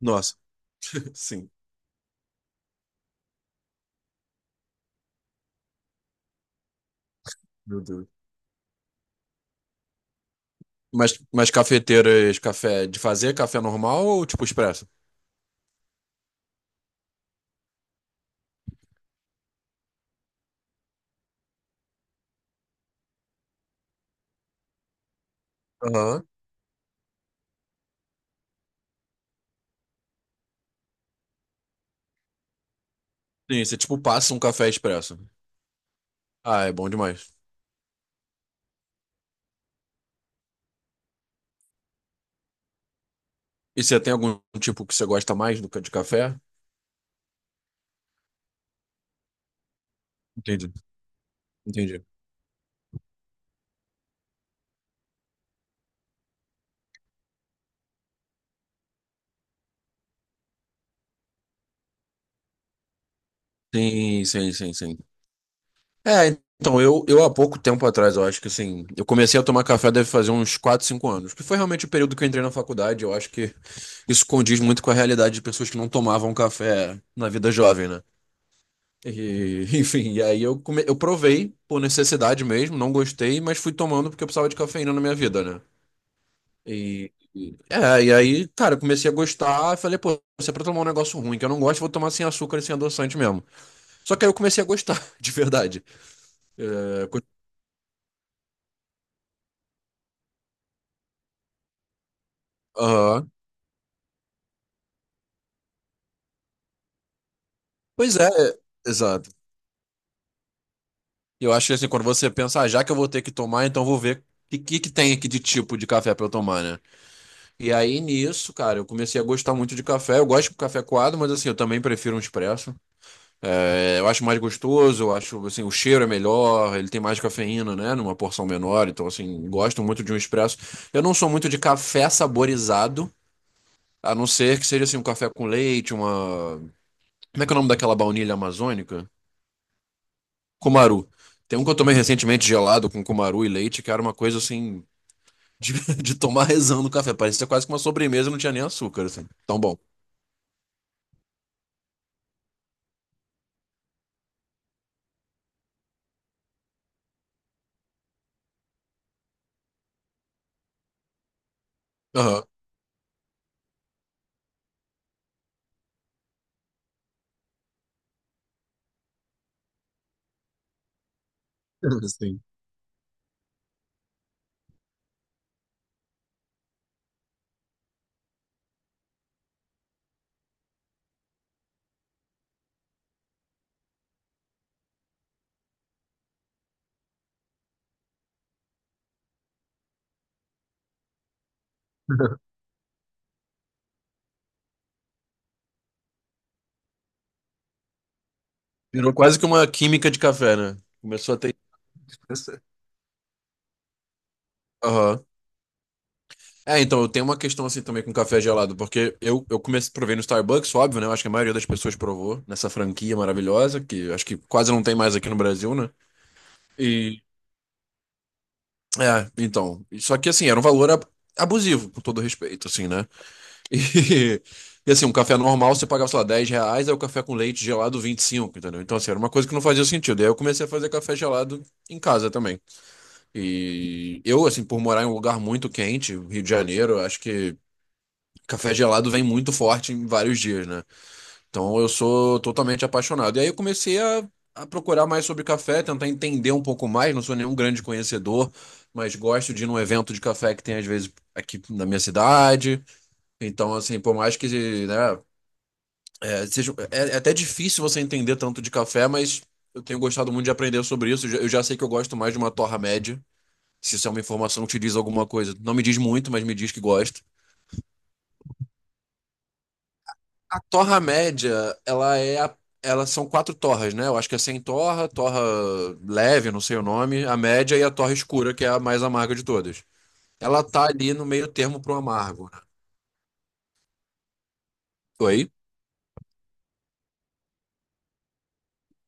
Nossa, sim, meu Deus. Mas cafeteiras, café de fazer café normal ou tipo expresso? Aham. Sim, você tipo passa um café expresso. Ah, é bom demais. E você tem algum tipo que você gosta mais do que de café? Entendi, entendi. Sim, sim, sim, sim. É, então, eu há pouco tempo atrás, eu acho que assim, eu comecei a tomar café deve fazer uns 4 5 anos, que foi realmente o período que eu entrei na faculdade, eu acho que isso condiz muito com a realidade de pessoas que não tomavam café na vida jovem, né? E, enfim, e aí eu, eu provei por necessidade mesmo, não gostei, mas fui tomando porque eu precisava de cafeína na minha vida, né? E aí, cara, eu comecei a gostar, eu falei, pô, se é pra tomar um negócio ruim que eu não gosto, eu vou tomar sem açúcar e sem adoçante mesmo. Só que aí eu comecei a gostar, de verdade. É, co- Aham. Pois é, é, exato. Eu acho que assim, quando você pensa, ah, já que eu vou ter que tomar, então eu vou ver o que tem aqui de tipo de café pra eu tomar, né? E aí nisso, cara, eu comecei a gostar muito de café. Eu gosto de café coado, mas assim, eu também prefiro um expresso. É, eu acho mais gostoso, eu acho assim, o cheiro é melhor, ele tem mais cafeína, né? Numa porção menor, então assim, gosto muito de um expresso. Eu não sou muito de café saborizado, a não ser que seja assim, um café com leite, uma. Como é que é o nome daquela baunilha amazônica? Cumaru. Tem um que eu tomei recentemente gelado com cumaru e leite, que era uma coisa assim de, de tomar rezando o café. Parecia quase que uma sobremesa, não tinha nem açúcar, assim. Tão bom. Aham. Sim. Virou quase que uma química de café, né? Começou a ter. Isso. Aham. É, então, eu tenho uma questão assim também com café gelado, porque eu comecei, provei no Starbucks, óbvio, né? Eu acho que a maioria das pessoas provou nessa franquia maravilhosa, que acho que quase não tem mais aqui no Brasil, né? E, é, então, só que assim, era um valor abusivo, com todo respeito, assim, né? E, e, assim, um café normal você pagava, sei lá, R$ 10, aí o café com leite gelado 25, entendeu? Então, assim, era uma coisa que não fazia sentido. E aí eu comecei a fazer café gelado em casa também. E eu, assim, por morar em um lugar muito quente, Rio de Janeiro, acho que café gelado vem muito forte em vários dias, né? Então eu sou totalmente apaixonado. E aí eu comecei a procurar mais sobre café, tentar entender um pouco mais. Não sou nenhum grande conhecedor, mas gosto de ir num evento de café que tem às vezes aqui na minha cidade. Então, assim, por mais que, né, é, seja, é, é até difícil você entender tanto de café, mas eu tenho gostado muito de aprender sobre isso. Eu já sei que eu gosto mais de uma torra média. Se isso é uma informação que te diz alguma coisa, não me diz muito, mas me diz que gosta. A torra média, ela é a- elas são quatro torras, né? Eu acho que é sem torra, torra leve, não sei o nome, a média e a torra escura, que é a mais amarga de todas. Ela tá ali no meio termo pro amargo, né? Oi?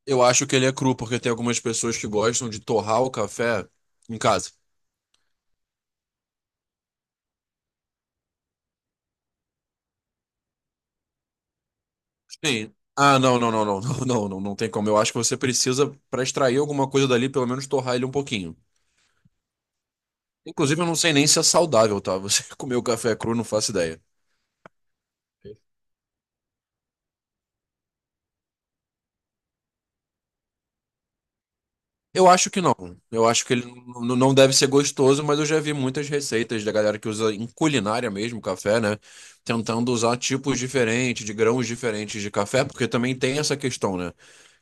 Eu acho que ele é cru, porque tem algumas pessoas que gostam de torrar o café em casa. Sim. Ah, não, não, não, não, não, não, não, não tem como. Eu acho que você precisa, pra extrair alguma coisa dali, pelo menos torrar ele um pouquinho. Inclusive, eu não sei nem se é saudável, tá? Você comer o café cru, não faço ideia. Eu acho que não. Eu acho que não deve ser gostoso, mas eu já vi muitas receitas da galera que usa em culinária mesmo café, né? Tentando usar tipos diferentes, de grãos diferentes de café, porque também tem essa questão, né?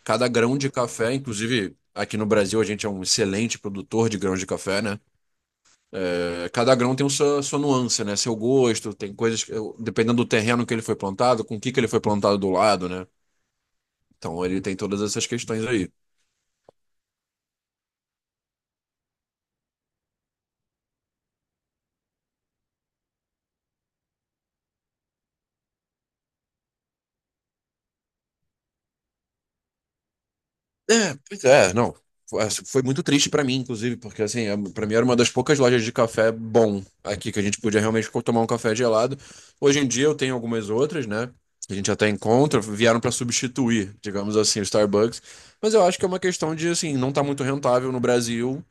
Cada grão de café, inclusive aqui no Brasil a gente é um excelente produtor de grãos de café, né? É, cada grão tem sua nuance, né? Seu gosto, tem coisas que, eu- dependendo do terreno que ele foi plantado, com o que que ele foi plantado do lado, né? Então ele tem todas essas questões aí. É, pois é, não. Foi assim, foi muito triste pra mim, inclusive, porque assim, pra mim era uma das poucas lojas de café bom aqui que a gente podia realmente tomar um café gelado. Hoje em dia eu tenho algumas outras, né? Que a gente até encontra, vieram pra substituir, digamos assim, o Starbucks. Mas eu acho que é uma questão de assim, não tá muito rentável no Brasil.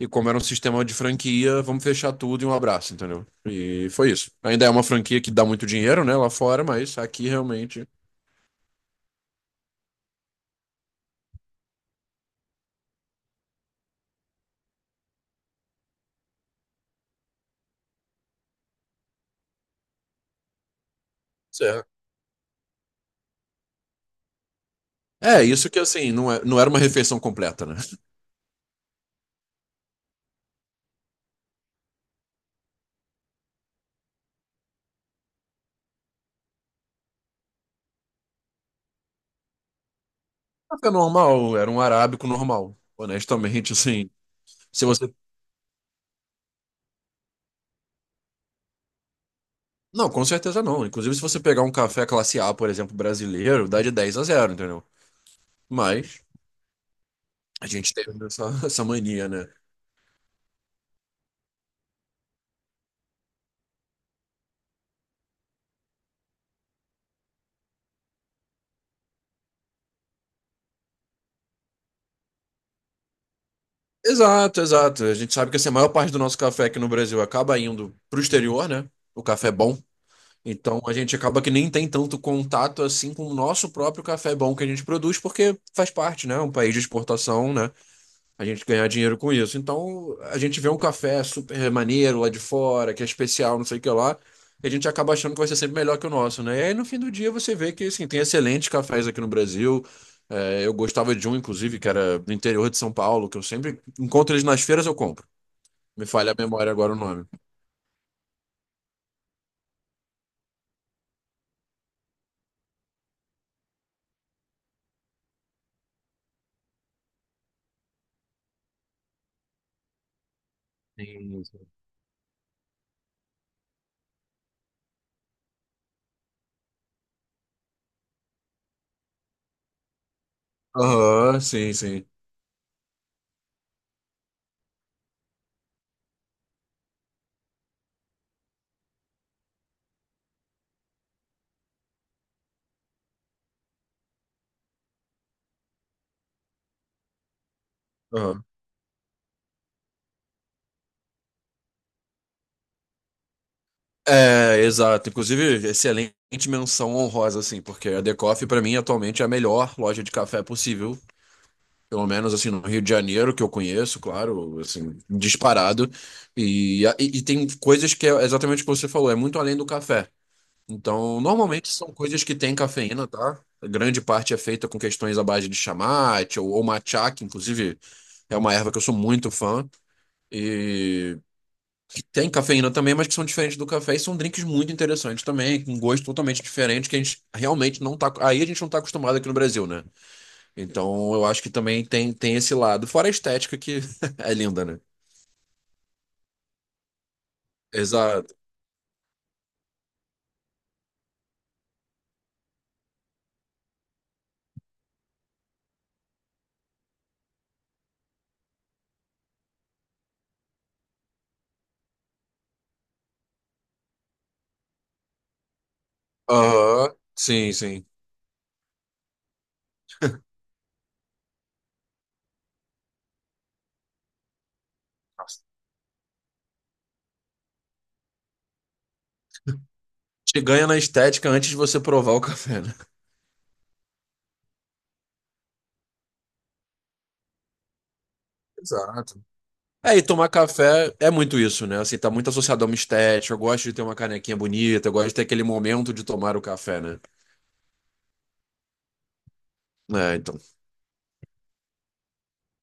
E como era um sistema de franquia, vamos fechar tudo e um abraço, entendeu? E foi isso. Ainda é uma franquia que dá muito dinheiro, né, lá fora, mas aqui realmente. Certo. É, isso que assim, não era uma refeição completa, né? Café normal, era um arábico normal. Honestamente, assim, se você. Não, com certeza não. Inclusive, se você pegar um café classe A, por exemplo, brasileiro, dá de 10 a 0, entendeu? Mas a gente teve essa, essa mania, né? Exato, exato. A gente sabe que assim, a maior parte do nosso café aqui no Brasil acaba indo pro exterior, né? O café bom. Então a gente acaba que nem tem tanto contato assim com o nosso próprio café bom que a gente produz, porque faz parte, né? É um país de exportação, né? A gente ganhar dinheiro com isso. Então, a gente vê um café super maneiro lá de fora, que é especial, não sei o que lá, e a gente acaba achando que vai ser sempre melhor que o nosso, né? E aí, no fim do dia, você vê que, assim, tem excelentes cafés aqui no Brasil. É, eu gostava de um, inclusive, que era do interior de São Paulo, que eu sempre encontro eles nas feiras, eu compro. Me falha a memória agora o nome. Sim, sim. Aham, sim, sim. Aham. É, exato. Inclusive, excelente menção honrosa, assim, porque a The Coffee, pra mim, atualmente é a melhor loja de café possível. Pelo menos assim, no Rio de Janeiro, que eu conheço, claro, assim, disparado. E tem coisas que é exatamente o que você falou, é muito além do café. Então, normalmente são coisas que têm cafeína, tá? A grande parte é feita com questões à base de chamate ou matcha, que inclusive é uma erva que eu sou muito fã. E que tem cafeína também, mas que são diferentes do café e são drinks muito interessantes também, com gosto totalmente diferente, que a gente realmente não tá. Aí a gente não tá acostumado aqui no Brasil, né? Então eu acho que também tem esse lado. Fora a estética que é linda, né? Exato. Aham. Sim, sim. Te ganha na estética antes de você provar o café, né? Exato. É, e tomar café é muito isso, né? Assim, tá muito associado a uma estética. Eu gosto de ter uma canequinha bonita, eu gosto de ter aquele momento de tomar o café, né? É, então.